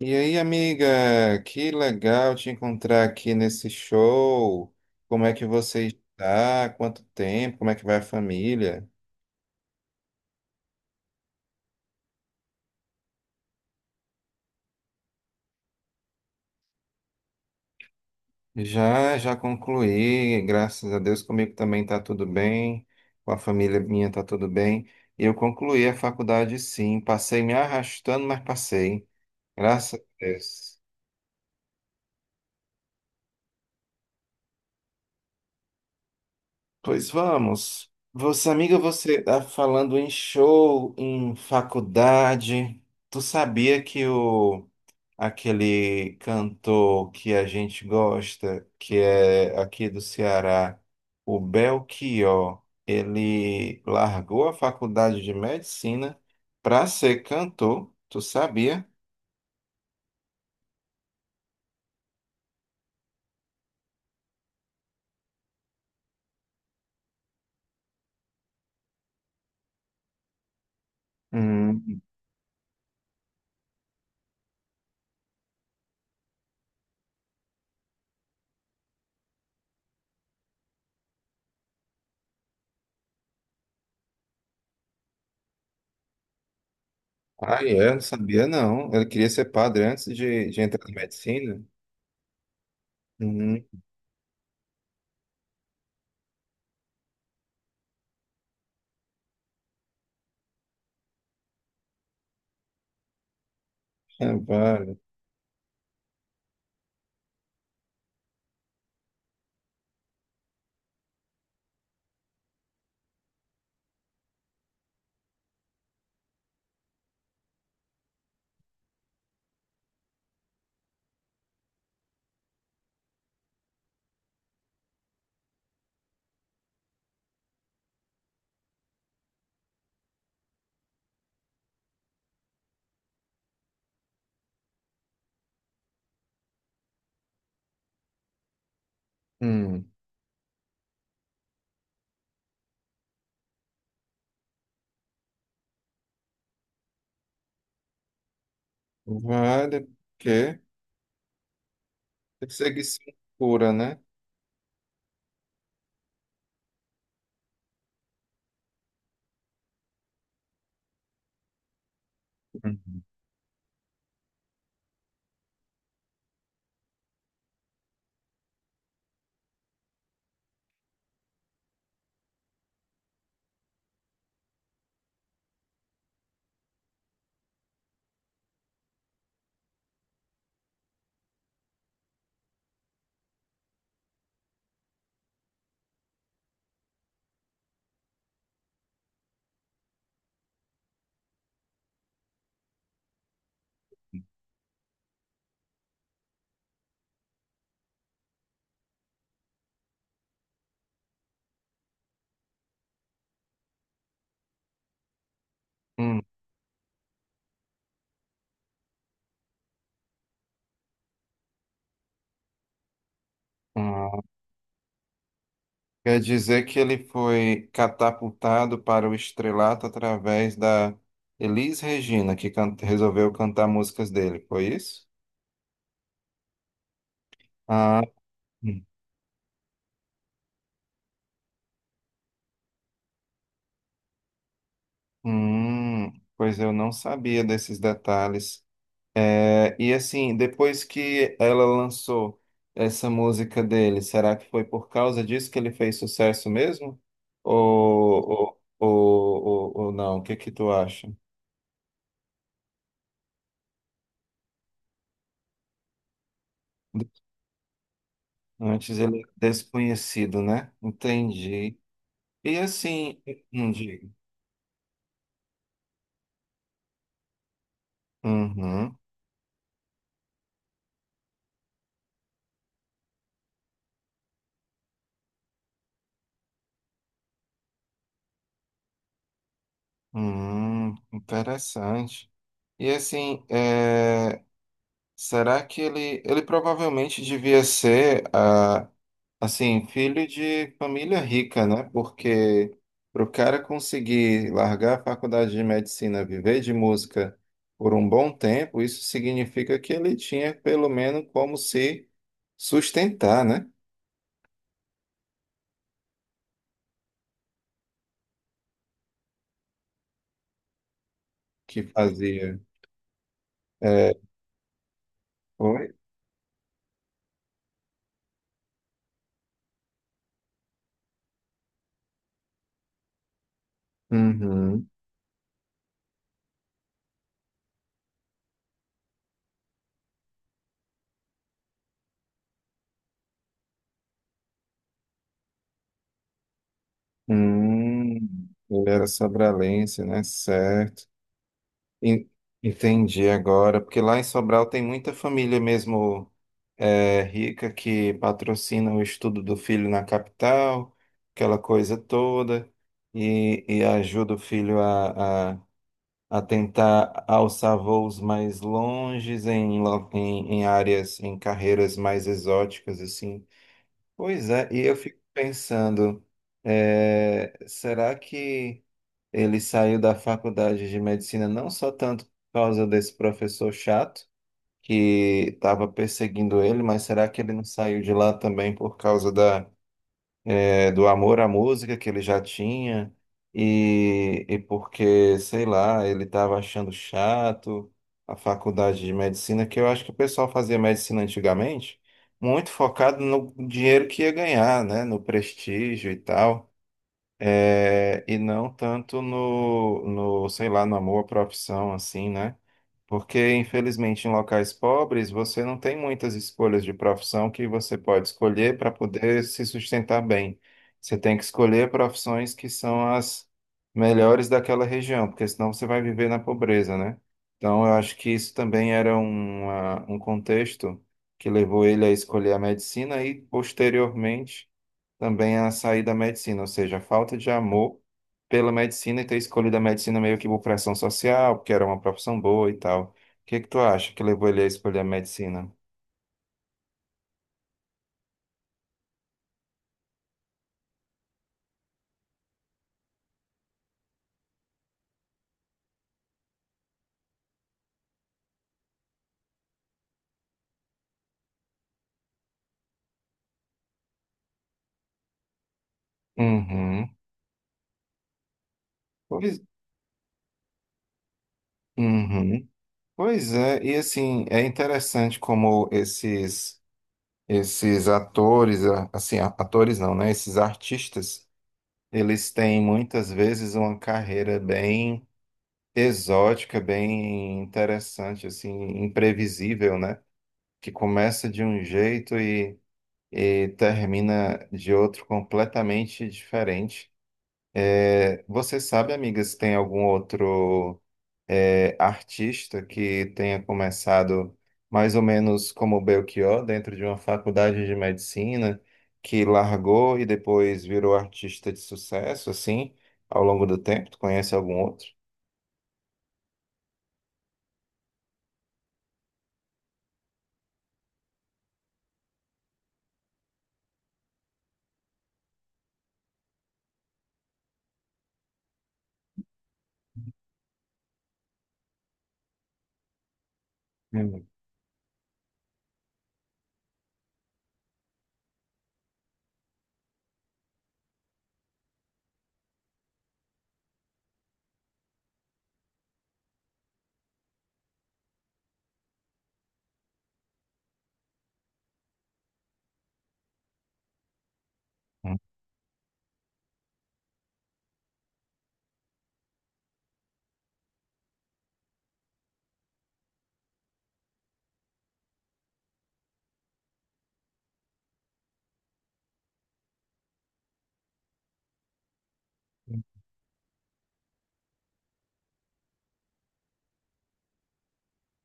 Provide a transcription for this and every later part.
E aí, amiga, que legal te encontrar aqui nesse show. Como é que você está? Quanto tempo? Como é que vai a família? Já concluí, graças a Deus, comigo também está tudo bem, com a família minha está tudo bem. E eu concluí a faculdade, sim, passei me arrastando, mas passei, graças a Deus. Pois vamos. Você, amiga, você está falando em show, em faculdade. Tu sabia que o aquele cantor que a gente gosta, que é aqui do Ceará, o Belchior, ele largou a faculdade de medicina para ser cantor, tu sabia? Hum. Ah, é? Não sabia não. Ele queria ser padre antes de entrar na medicina? Hum, é, vale. Hum, vale, porque perseguição pura, né? Uhum. Hum. Quer dizer que ele foi catapultado para o estrelato através da Elis Regina, que resolveu cantar músicas dele, foi isso? Ah, hum, pois eu não sabia desses detalhes. É, e assim, depois que ela lançou essa música dele, será que foi por causa disso que ele fez sucesso mesmo? Ou não? O que que tu acha? Antes ele é desconhecido, né? Entendi. E assim, não digo. Uhum, uhum, interessante. E assim, é, será que ele provavelmente devia ser, ah, assim, filho de família rica, né? Porque para o cara conseguir largar a faculdade de medicina, viver de música por um bom tempo, isso significa que ele tinha pelo menos como se sustentar, né? Que fazia. É, Oi? Uhum. Hum, ele era sobralense, né? Certo. En- Entendi agora, porque lá em Sobral tem muita família mesmo é, rica que patrocina o estudo do filho na capital, aquela coisa toda, e ajuda o filho a tentar alçar voos mais longes em, em, em áreas, em carreiras mais exóticas, assim. Pois é, e eu fico pensando, é, será que ele saiu da faculdade de medicina não só tanto por causa desse professor chato que estava perseguindo ele, mas será que ele não saiu de lá também por causa da, do amor à música que ele já tinha e porque, sei lá, ele estava achando chato a faculdade de medicina, que eu acho que o pessoal fazia medicina antigamente muito focado no dinheiro que ia ganhar, né, no prestígio e tal. É, e não tanto no, sei lá, no amor à profissão, assim, né? Porque, infelizmente, em locais pobres, você não tem muitas escolhas de profissão que você pode escolher para poder se sustentar bem. Você tem que escolher profissões que são as melhores daquela região, porque senão você vai viver na pobreza, né? Então, eu acho que isso também era um contexto que levou ele a escolher a medicina e, posteriormente, também a sair da medicina, ou seja, a falta de amor pela medicina e ter escolhido a medicina meio que por pressão social, porque era uma profissão boa e tal. O que é que tu acha que levou ele a escolher a medicina? Uhum. Pois, uhum. Pois é, e assim, é interessante como esses atores, assim, atores não, né? Esses artistas, eles têm muitas vezes uma carreira bem exótica, bem interessante, assim, imprevisível, né? que começa de um jeito e termina de outro completamente diferente. É, você sabe, amiga, se tem algum outro é, artista que tenha começado mais ou menos como Belchior, dentro de uma faculdade de medicina, que largou e depois virou artista de sucesso, assim, ao longo do tempo? Tu conhece algum outro? Hum.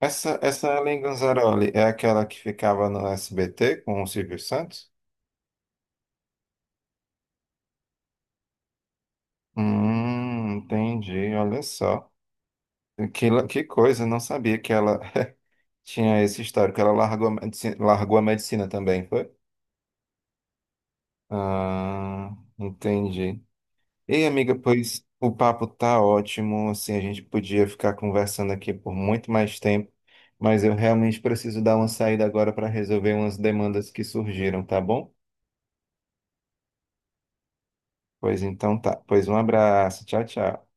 Essa Lingonzaroli é aquela que ficava no SBT com o Silvio Santos? Entendi, olha só. Que, que coisa, não sabia que ela tinha esse histórico. Ela largou a medicina também, foi? Ah, entendi. Ei, amiga, pois o papo tá ótimo, assim, a gente podia ficar conversando aqui por muito mais tempo, mas eu realmente preciso dar uma saída agora para resolver umas demandas que surgiram, tá bom? Pois então tá. Pois um abraço. Tchau, tchau.